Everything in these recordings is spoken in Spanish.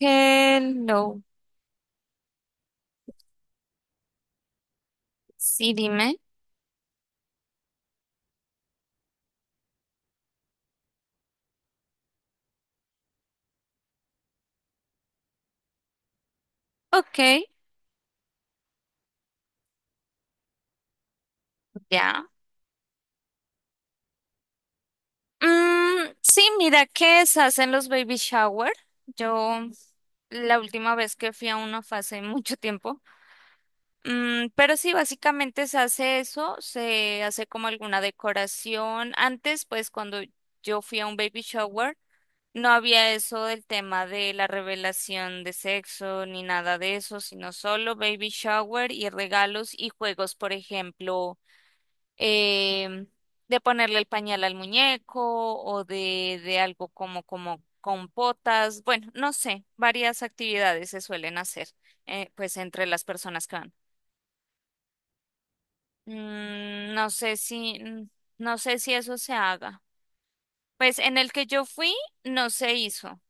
Hello. Sí, dime. Ok, ya. Sí, mira que se hacen los baby shower. Yo la última vez que fui a uno fue hace mucho tiempo. Pero sí, básicamente se hace eso, se hace como alguna decoración. Antes, pues cuando yo fui a un baby shower, no había eso del tema de la revelación de sexo ni nada de eso, sino solo baby shower y regalos y juegos, por ejemplo. eh, de ponerle el pañal al muñeco o de algo como, como compotas, bueno, no sé, varias actividades se suelen hacer, pues entre las personas que van. Mm, no sé si, no sé si eso se haga. Pues en el que yo fui no se hizo.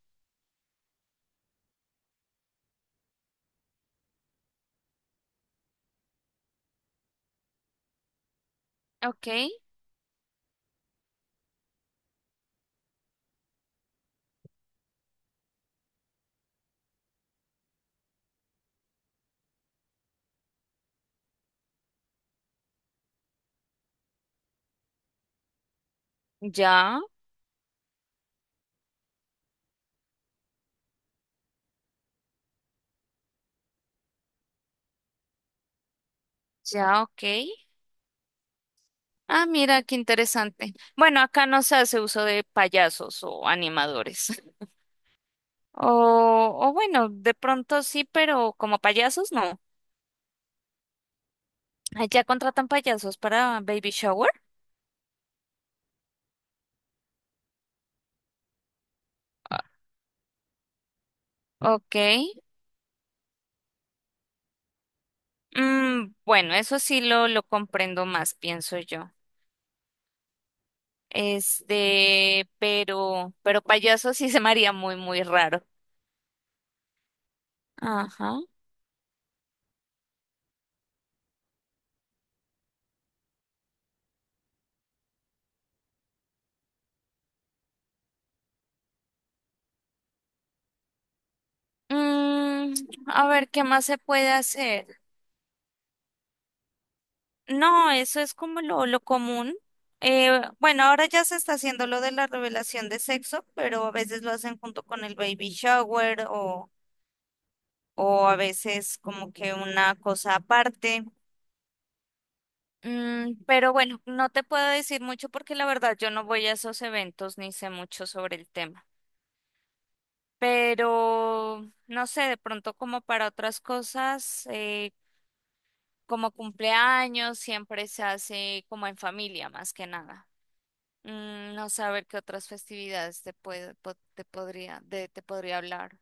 Ok, ya, ya, ok. Ah, mira, qué interesante. Bueno, acá no se hace uso de payasos o animadores. O, o bueno, de pronto sí, pero como payasos no. Allá contratan payasos para baby shower. Ah. Ok. Bueno, eso sí lo comprendo más, pienso yo. Este, pero payasos sí se me haría muy, muy raro. Ajá. Mm, a ver, ¿qué más se puede hacer? No, eso es como lo común. Bueno, ahora ya se está haciendo lo de la revelación de sexo, pero a veces lo hacen junto con el baby shower o a veces como que una cosa aparte. Pero bueno, no te puedo decir mucho porque la verdad yo no voy a esos eventos ni sé mucho sobre el tema. Pero no sé, de pronto como para otras cosas, como cumpleaños, siempre se hace como en familia más que nada. No saber qué otras festividades te puede, te podría, te podría hablar.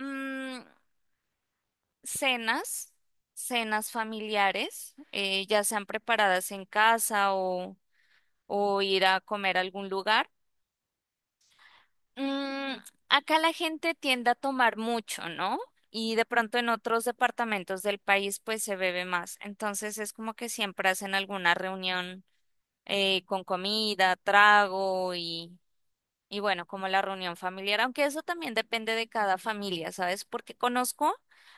Mm, cenas, cenas familiares, ya sean preparadas en casa o ir a comer a algún lugar. Mm, acá la gente tiende a tomar mucho, ¿no? Y de pronto en otros departamentos del país pues se bebe más. Entonces es como que siempre hacen alguna reunión, con comida, trago y bueno, como la reunión familiar, aunque eso también depende de cada familia, ¿sabes? Porque conozco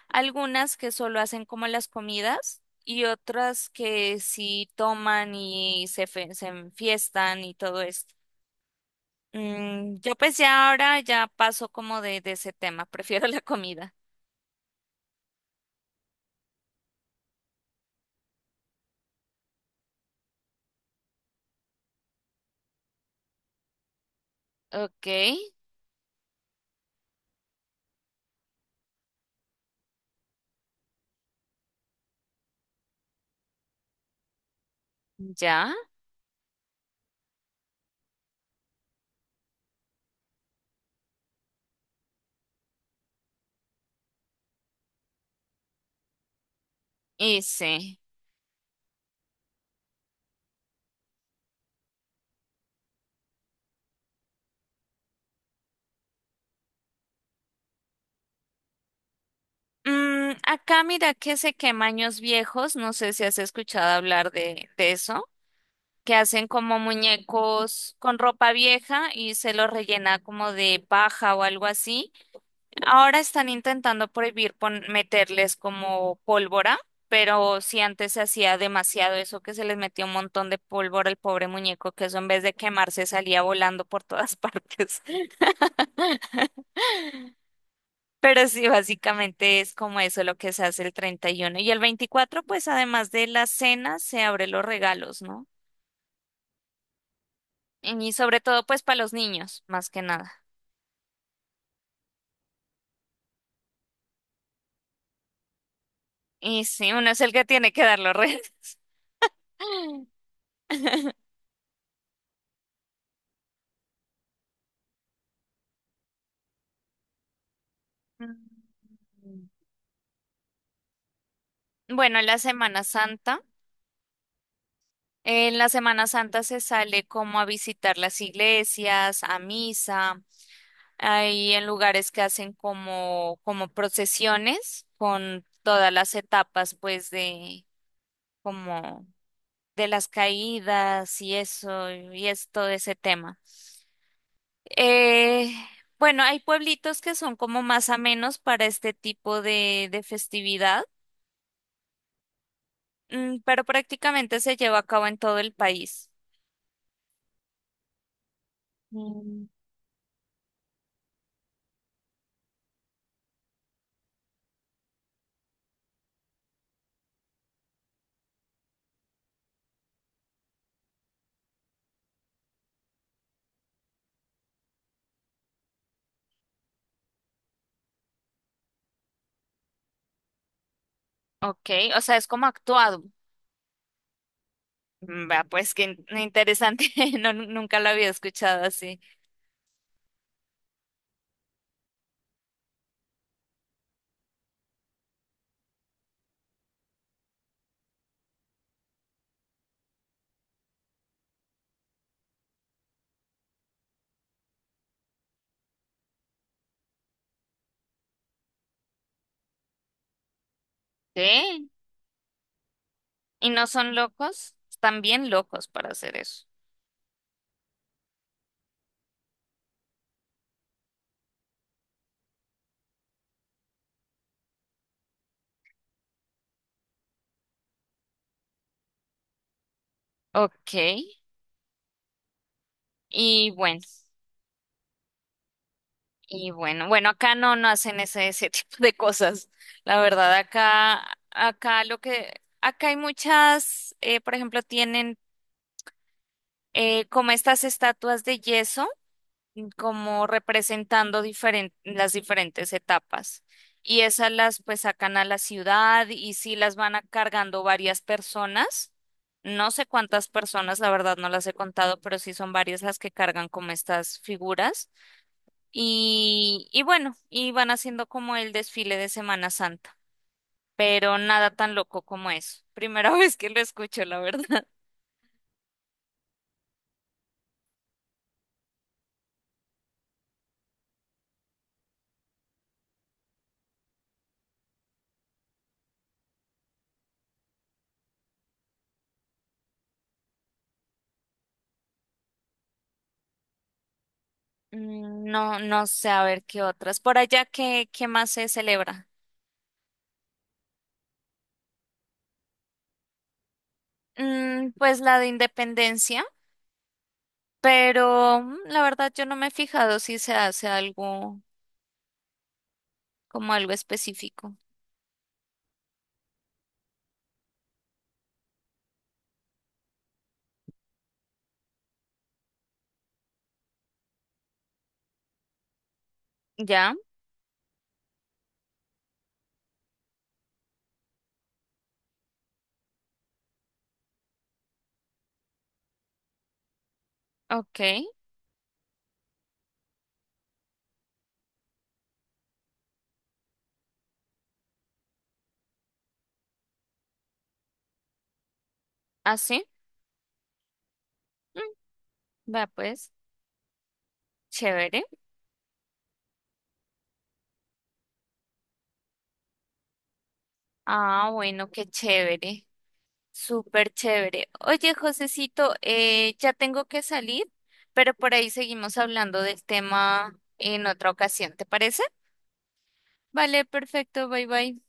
algunas que solo hacen como las comidas y otras que sí toman y se enfiestan y todo esto. Yo pues ya ahora ya paso como de ese tema, prefiero la comida. Ok, ya, hice. Mm, acá mira que se quema años viejos, no sé si has escuchado hablar de eso. Que hacen como muñecos con ropa vieja y se los rellena como de paja o algo así. Ahora están intentando prohibir meterles como pólvora, pero si antes se hacía demasiado eso que se les metía un montón de pólvora al pobre muñeco, que eso en vez de quemarse salía volando por todas partes. Pero sí, básicamente es como eso lo que se hace el 31 y el 24. Pues además de la cena, se abre los regalos, ¿no? Y sobre todo pues para los niños, más que nada. Y sí, uno es el que tiene que dar los regalos. Bueno, la Semana Santa. En la Semana Santa se sale como a visitar las iglesias, a misa, hay en lugares que hacen como, como procesiones con todas las etapas, pues, de como de las caídas y eso, y es todo ese tema. Eh, bueno, hay pueblitos que son como más amenos para este tipo de festividad. Pero prácticamente se lleva a cabo en todo el país. Mm. Ok, o sea, es como actuado. Mm, vea, pues qué interesante. No, nunca lo había escuchado así. ¿Qué? ¿Y no son locos? Están bien locos para hacer eso. Ok, y bueno, bueno, acá no, no hacen ese tipo de cosas. La verdad, acá, acá lo que, acá hay muchas, por ejemplo, tienen, como estas estatuas de yeso como representando las diferentes etapas. Y esas las pues sacan a la ciudad y sí las van a cargando varias personas. No sé cuántas personas, la verdad no las he contado, pero sí son varias las que cargan como estas figuras. Y bueno, y van haciendo como el desfile de Semana Santa, pero nada tan loco como eso. Primera vez que lo escucho, la verdad. Mm, no, no sé, a ver qué otras. Por allá, ¿qué, qué más se celebra? Mm, pues la de independencia, pero mm, la verdad yo no me he fijado si se hace algo como algo específico. Ya, ok, así. Mm, vea pues, chévere. Ah, bueno, qué chévere. Súper chévere. Oye, Josecito, ya tengo que salir, pero por ahí seguimos hablando del tema en otra ocasión, ¿te parece? Vale, perfecto, bye bye.